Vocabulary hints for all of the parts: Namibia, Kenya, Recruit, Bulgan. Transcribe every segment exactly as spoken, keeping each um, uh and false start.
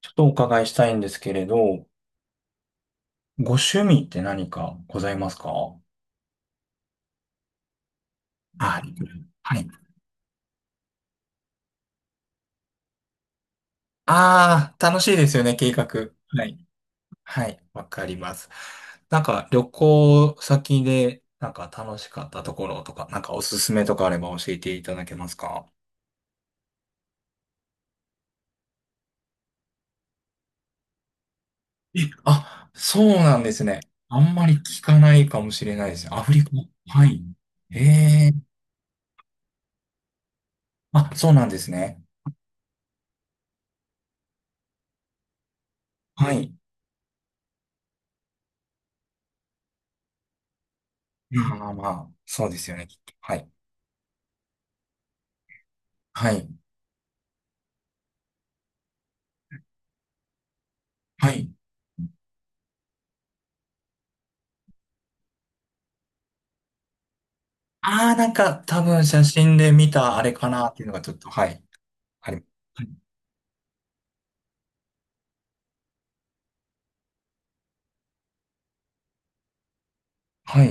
ちょっとお伺いしたいんですけれど、ご趣味って何かございますか？はあ、リクルート、はい。ああ、楽しいですよね、計画。はい。はい、わかります。なんか、旅行先で、なんか楽しかったところとか、なんかおすすめとかあれば教えていただけますか？え、あ、そうなんですね。あんまり聞かないかもしれないですね、アフリカ。はい。ええ、あ、そうなんですね。はい。まあまあ、まあ、そうですよね、きっと。はい。はい。はい。ああ、なんか多分写真で見たあれかなっていうのがちょっと、はい。あり、はい。は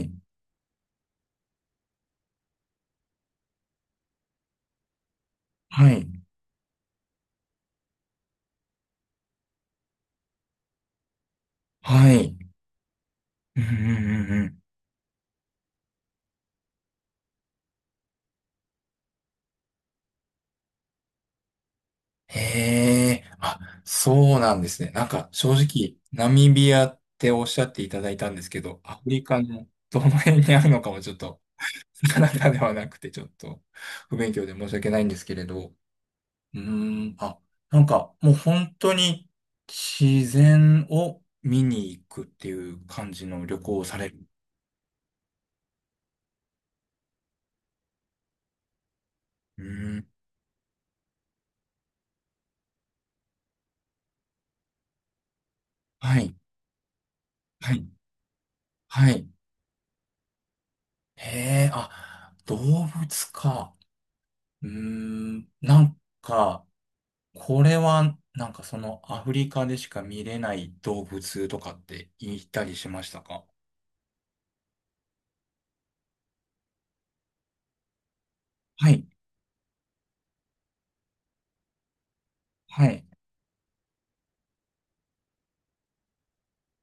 い。はい。うんうんうんうん。へえ。あ、そうなんですね。なんか正直、ナミビアっておっしゃっていただいたんですけど、アフリカのどの辺にあるのかもちょっと、なかなか、ではなくて、ちょっと不勉強で申し訳ないんですけれど。うーん。あ、なんかもう本当に自然を見に行くっていう感じの旅行をされる。うーん。はい。はい。はい。へえ、あ、動物か。うーん。なんか、これは、なんかそのアフリカでしか見れない動物とかって言ったりしましたか？はい。はい。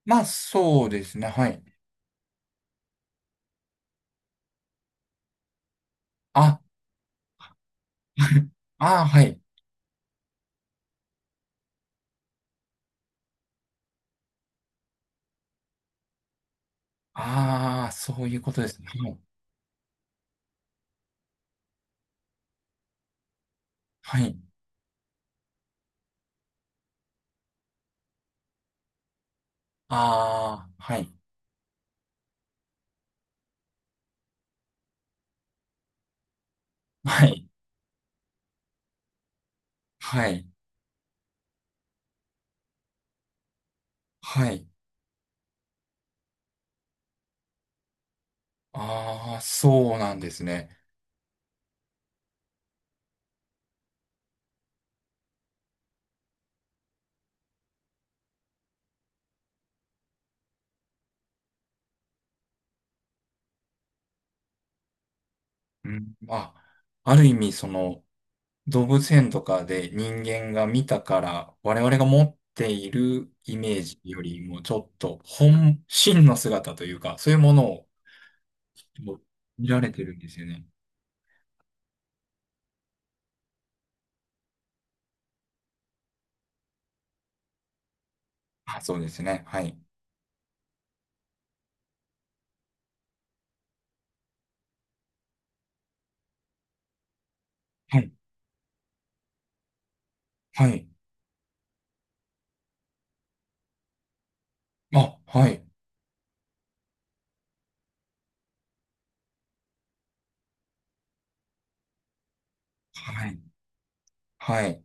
まあ、そうですね。はい。あ、ああ、はい。ああ、そういうことですね。はい。はい。ああ、はい。はい。はい。はい。ああ、そうなんですね。うん、あ、ある意味、その、動物園とかで人間が見たから、我々が持っているイメージよりも、ちょっと本、真の姿というか、そういうものを見られてるんですよね。あ、そうですね。はい。はい。はい。あ、はい。はい。はい。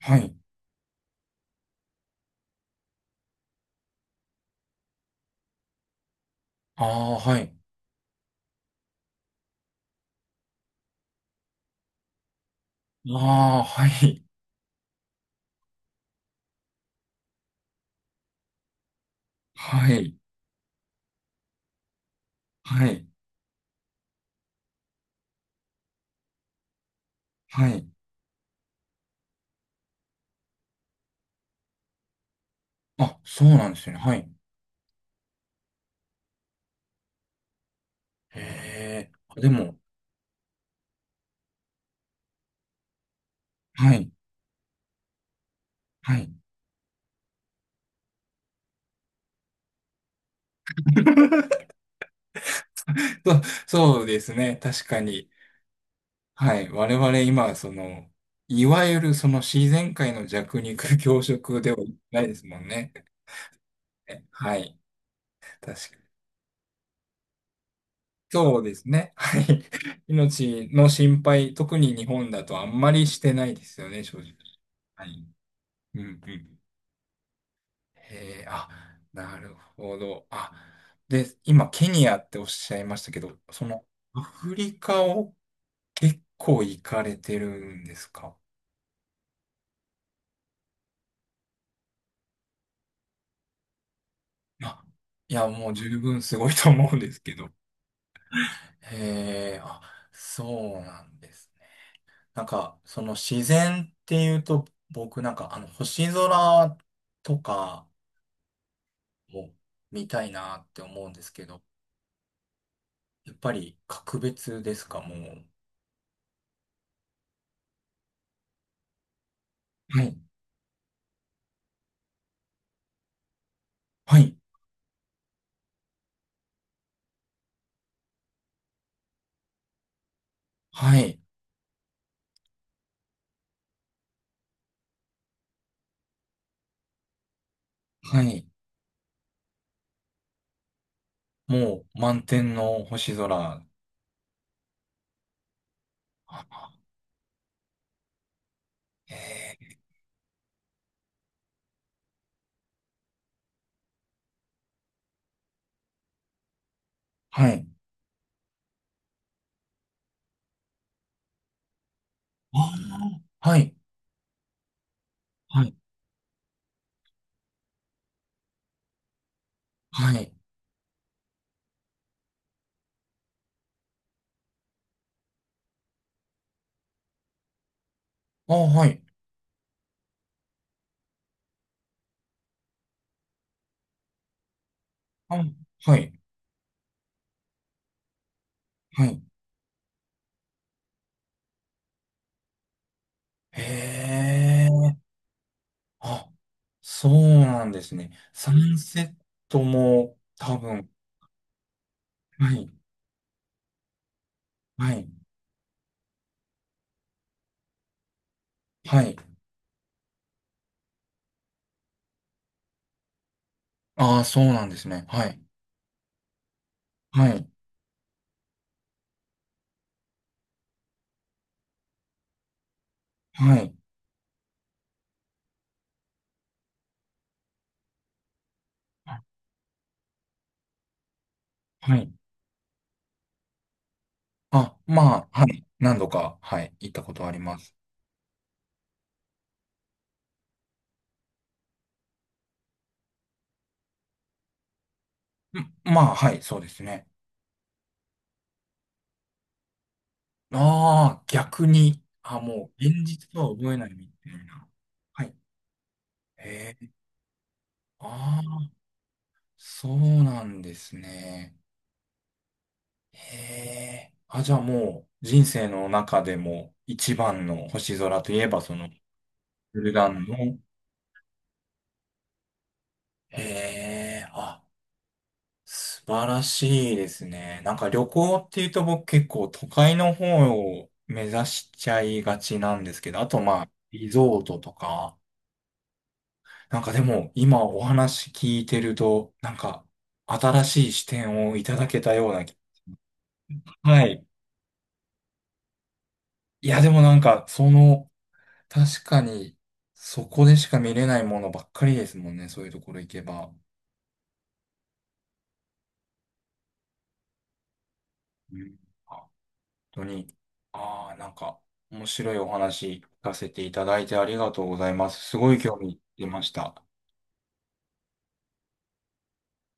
はい。ああ、はい。ああ、はい。はい。はい。はい。あ、そうなんですよね。はい。へえ。あでも、はい。はい。そ、そうですね。確かに。はい。我々今、その、いわゆるその自然界の弱肉強食ではないですもんね。はい。確かに。そうですね。はい。命の心配、特に日本だとあんまりしてないですよね、正直。はい。うんうん。へえ、あ、なるほど。あ、で、今、ケニアっておっしゃいましたけど、その、アフリカを結構行かれてるんですか？あ、いや、もう十分すごいと思うんですけど。へえ、あ、そうなんですね。なんか、その自然っていうと、僕なんか、あの、星空とかも見たいなって思うんですけど、やっぱり格別ですか、もう。はい、はい、はい、はい。もう満天の星空。あ、へえ、はい。ああ、はい、はい、はい。あ、はい、あ、はい、はい。へえ、あ、そうなんですね。サンセットも多分、はい、はい、はい。ああ、そうなんですね。はい、はい、はい、はい。あ、まあ、はい。何度か、はい、行ったことあります。ん、まあ、はい、そうですね。ああ、逆に、あ、もう、現実とは覚えないみたいな。はい。へえ、ああ、そうなんですね。へえ。あ、じゃあもう人生の中でも一番の星空といえば、そのブルガンの。へえ。あ、素晴らしいですね。なんか旅行っていうと僕結構都会の方を目指しちゃいがちなんですけど、あとまあリゾートとか。なんかでも今お話聞いてると、なんか新しい視点をいただけたような気。はい。いやでもなんかその確かに、そこでしか見れないものばっかりですもんね、そういうところ行けば。うん、本当に、ああ、なんか、面白いお話聞かせていただいてありがとうございます。すごい興味出ました。